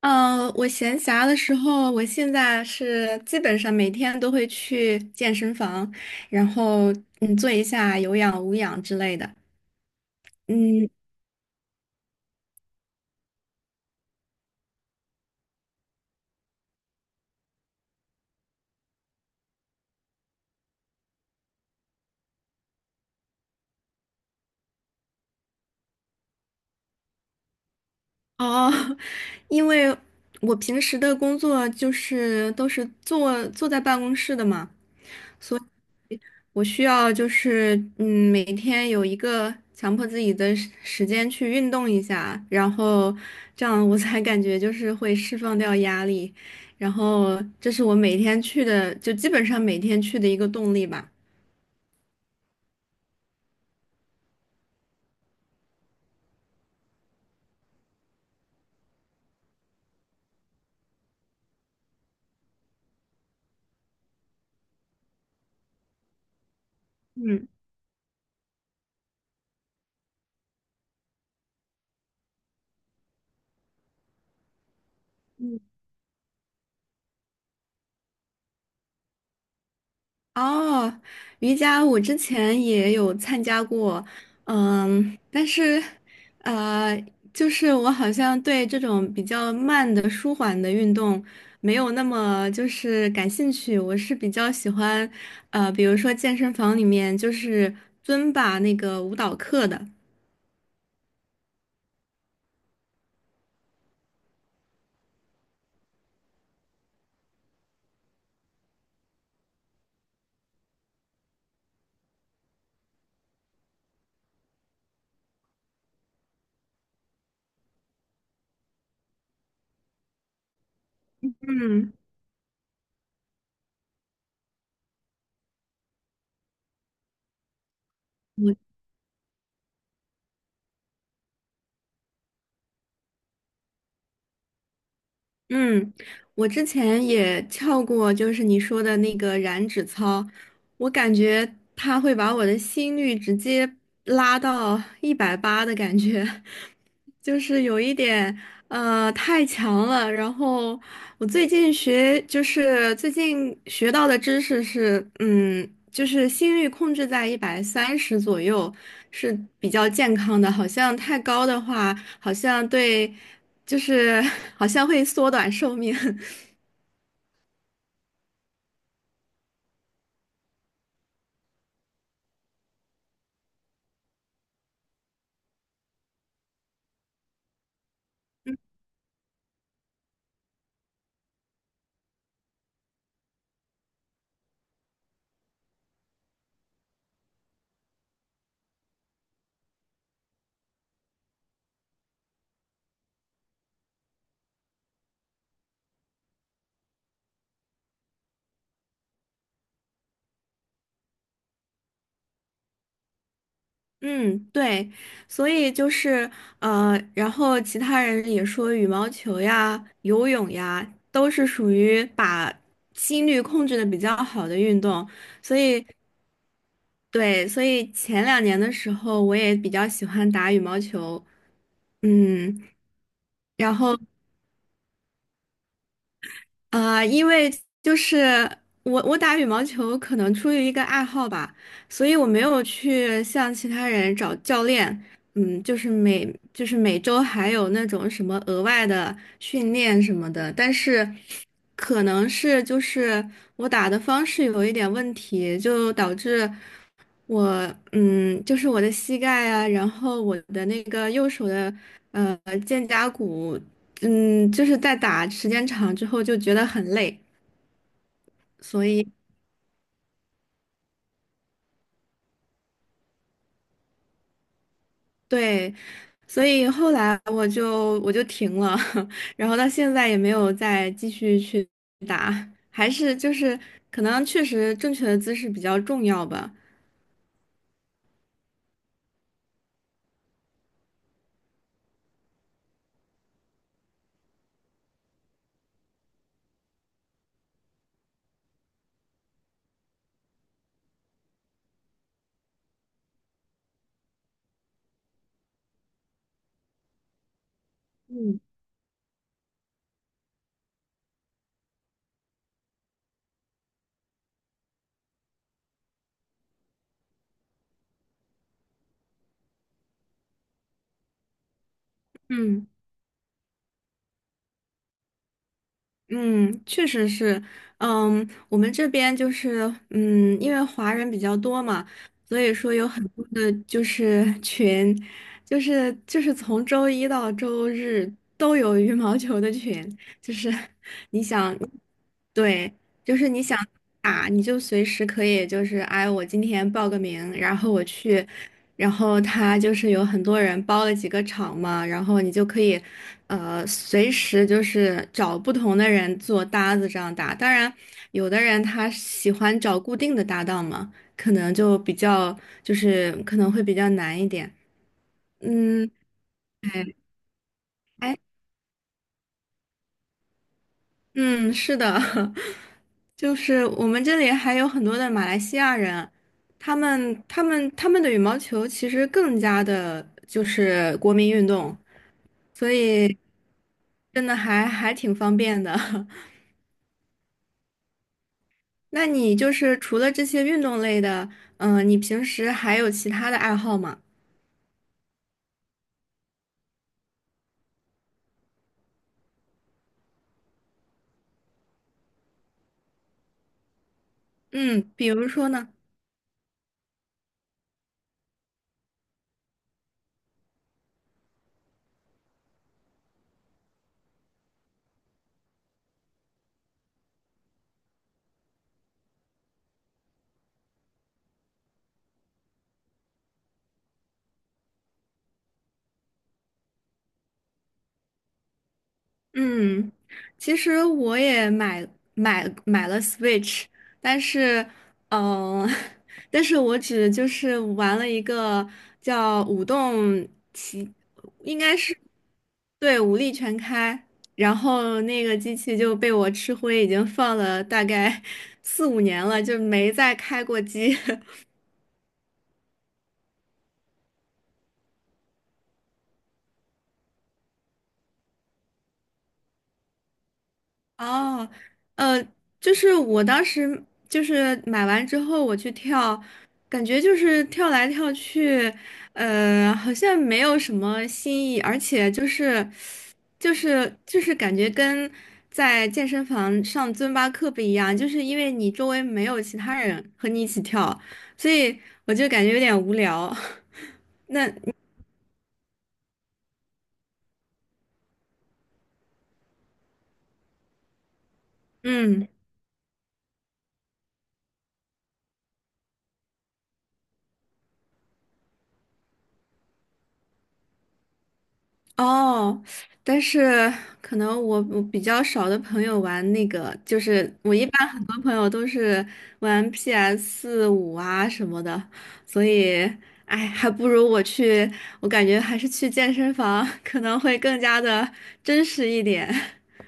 嗯，我闲暇的时候，我现在是基本上每天都会去健身房，然后做一下有氧、无氧之类的。嗯，哦，因为我平时的工作就是都是坐在办公室的嘛，我需要就是每天有一个强迫自己的时间去运动一下，然后这样我才感觉就是会释放掉压力，然后这是我每天去的，就基本上每天去的一个动力吧。嗯。哦，瑜伽我之前也有参加过，嗯，但是，呃，就是我好像对这种比较慢的、舒缓的运动没有那么就是感兴趣。我是比较喜欢，比如说健身房里面就是尊巴那个舞蹈课的。嗯。嗯，我之前也跳过，就是你说的那个燃脂操，我感觉它会把我的心率直接拉到180的感觉，就是有一点太强了。然后我最近学到的知识是，嗯，就是心率控制在130左右是比较健康的，好像太高的话，好像对，就是 好像会缩短寿命。嗯，对，所以就是然后其他人也说羽毛球呀、游泳呀，都是属于把心率控制的比较好的运动，所以对，所以前两年的时候我也比较喜欢打羽毛球，嗯，然后。啊，因为就是我打羽毛球可能出于一个爱好吧，所以我没有去向其他人找教练，嗯，就是每周还有那种什么额外的训练什么的，但是可能是就是我打的方式有一点问题，就导致我就是我的膝盖啊，然后我的那个右手的呃肩胛骨嗯，就是在打时间长之后就觉得很累，所以对，所以后来我就停了，然后到现在也没有再继续去打，还是就是可能确实正确的姿势比较重要吧。嗯，嗯。嗯，确实是，嗯，我们这边就是，嗯，因为华人比较多嘛，所以说有很多的就是 群，就是从周一到周日都有羽毛球的群，就是你想，对，就是你想打，你就随时可以，就是哎，我今天报个名，然后我去，然后他就是有很多人包了几个场嘛，然后你就可以，随时就是找不同的人做搭子这样搭。当然，有的人他喜欢找固定的搭档嘛，可能就比较就是可能会比较难一点。嗯，哎哎，嗯，是的，就是我们这里还有很多的马来西亚人，他们的羽毛球其实更加的就是国民运动。所以，真的还挺方便的。那你就是除了这些运动类的，嗯、你平时还有其他的爱好吗？嗯，比如说呢？嗯，其实我也买了 Switch,但是，嗯、但是我只就是玩了一个叫《舞动奇》，应该是对武力全开，然后那个机器就被我吃灰，已经放了大概 四五年了，就没再开过机。哦，呃，就是我当时就是买完之后我去跳，感觉就是跳来跳去，好像没有什么新意，而且就是感觉跟在健身房上尊巴课不一样，就是因为你周围没有其他人和你一起跳，所以我就感觉有点无聊。嗯。哦，但是可能我比较少的朋友玩那个，就是我一般很多朋友都是玩 PS5 五啊什么的，所以哎，还不如我去，我感觉还是去健身房可能会更加的真实一点。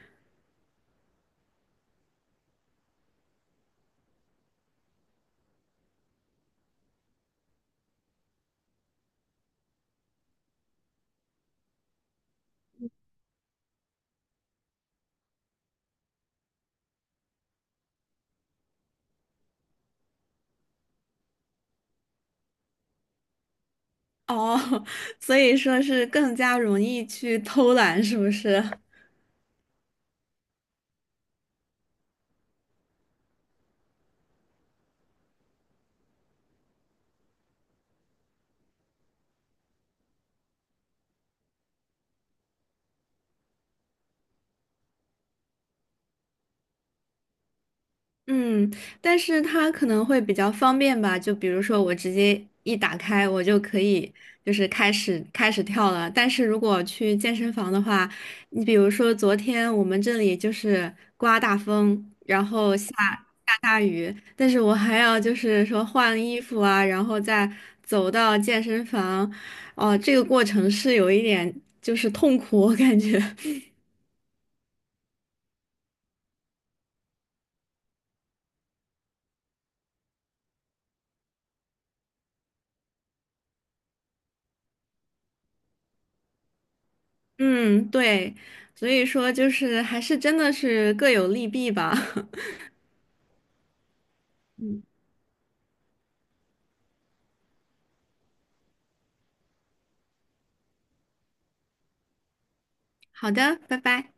哦，所以说是更加容易去偷懒，是不是？嗯，但是它可能会比较方便吧，就比如说我直接一打开，我就可以就是开始跳了。但是如果去健身房的话，你比如说昨天我们这里就是刮大风，然后下大雨，但是我还要就是说换衣服啊，然后再走到健身房，哦、这个过程是有一点就是痛苦，我感觉。嗯，对，所以说就是还是真的是各有利弊吧。好的，拜拜。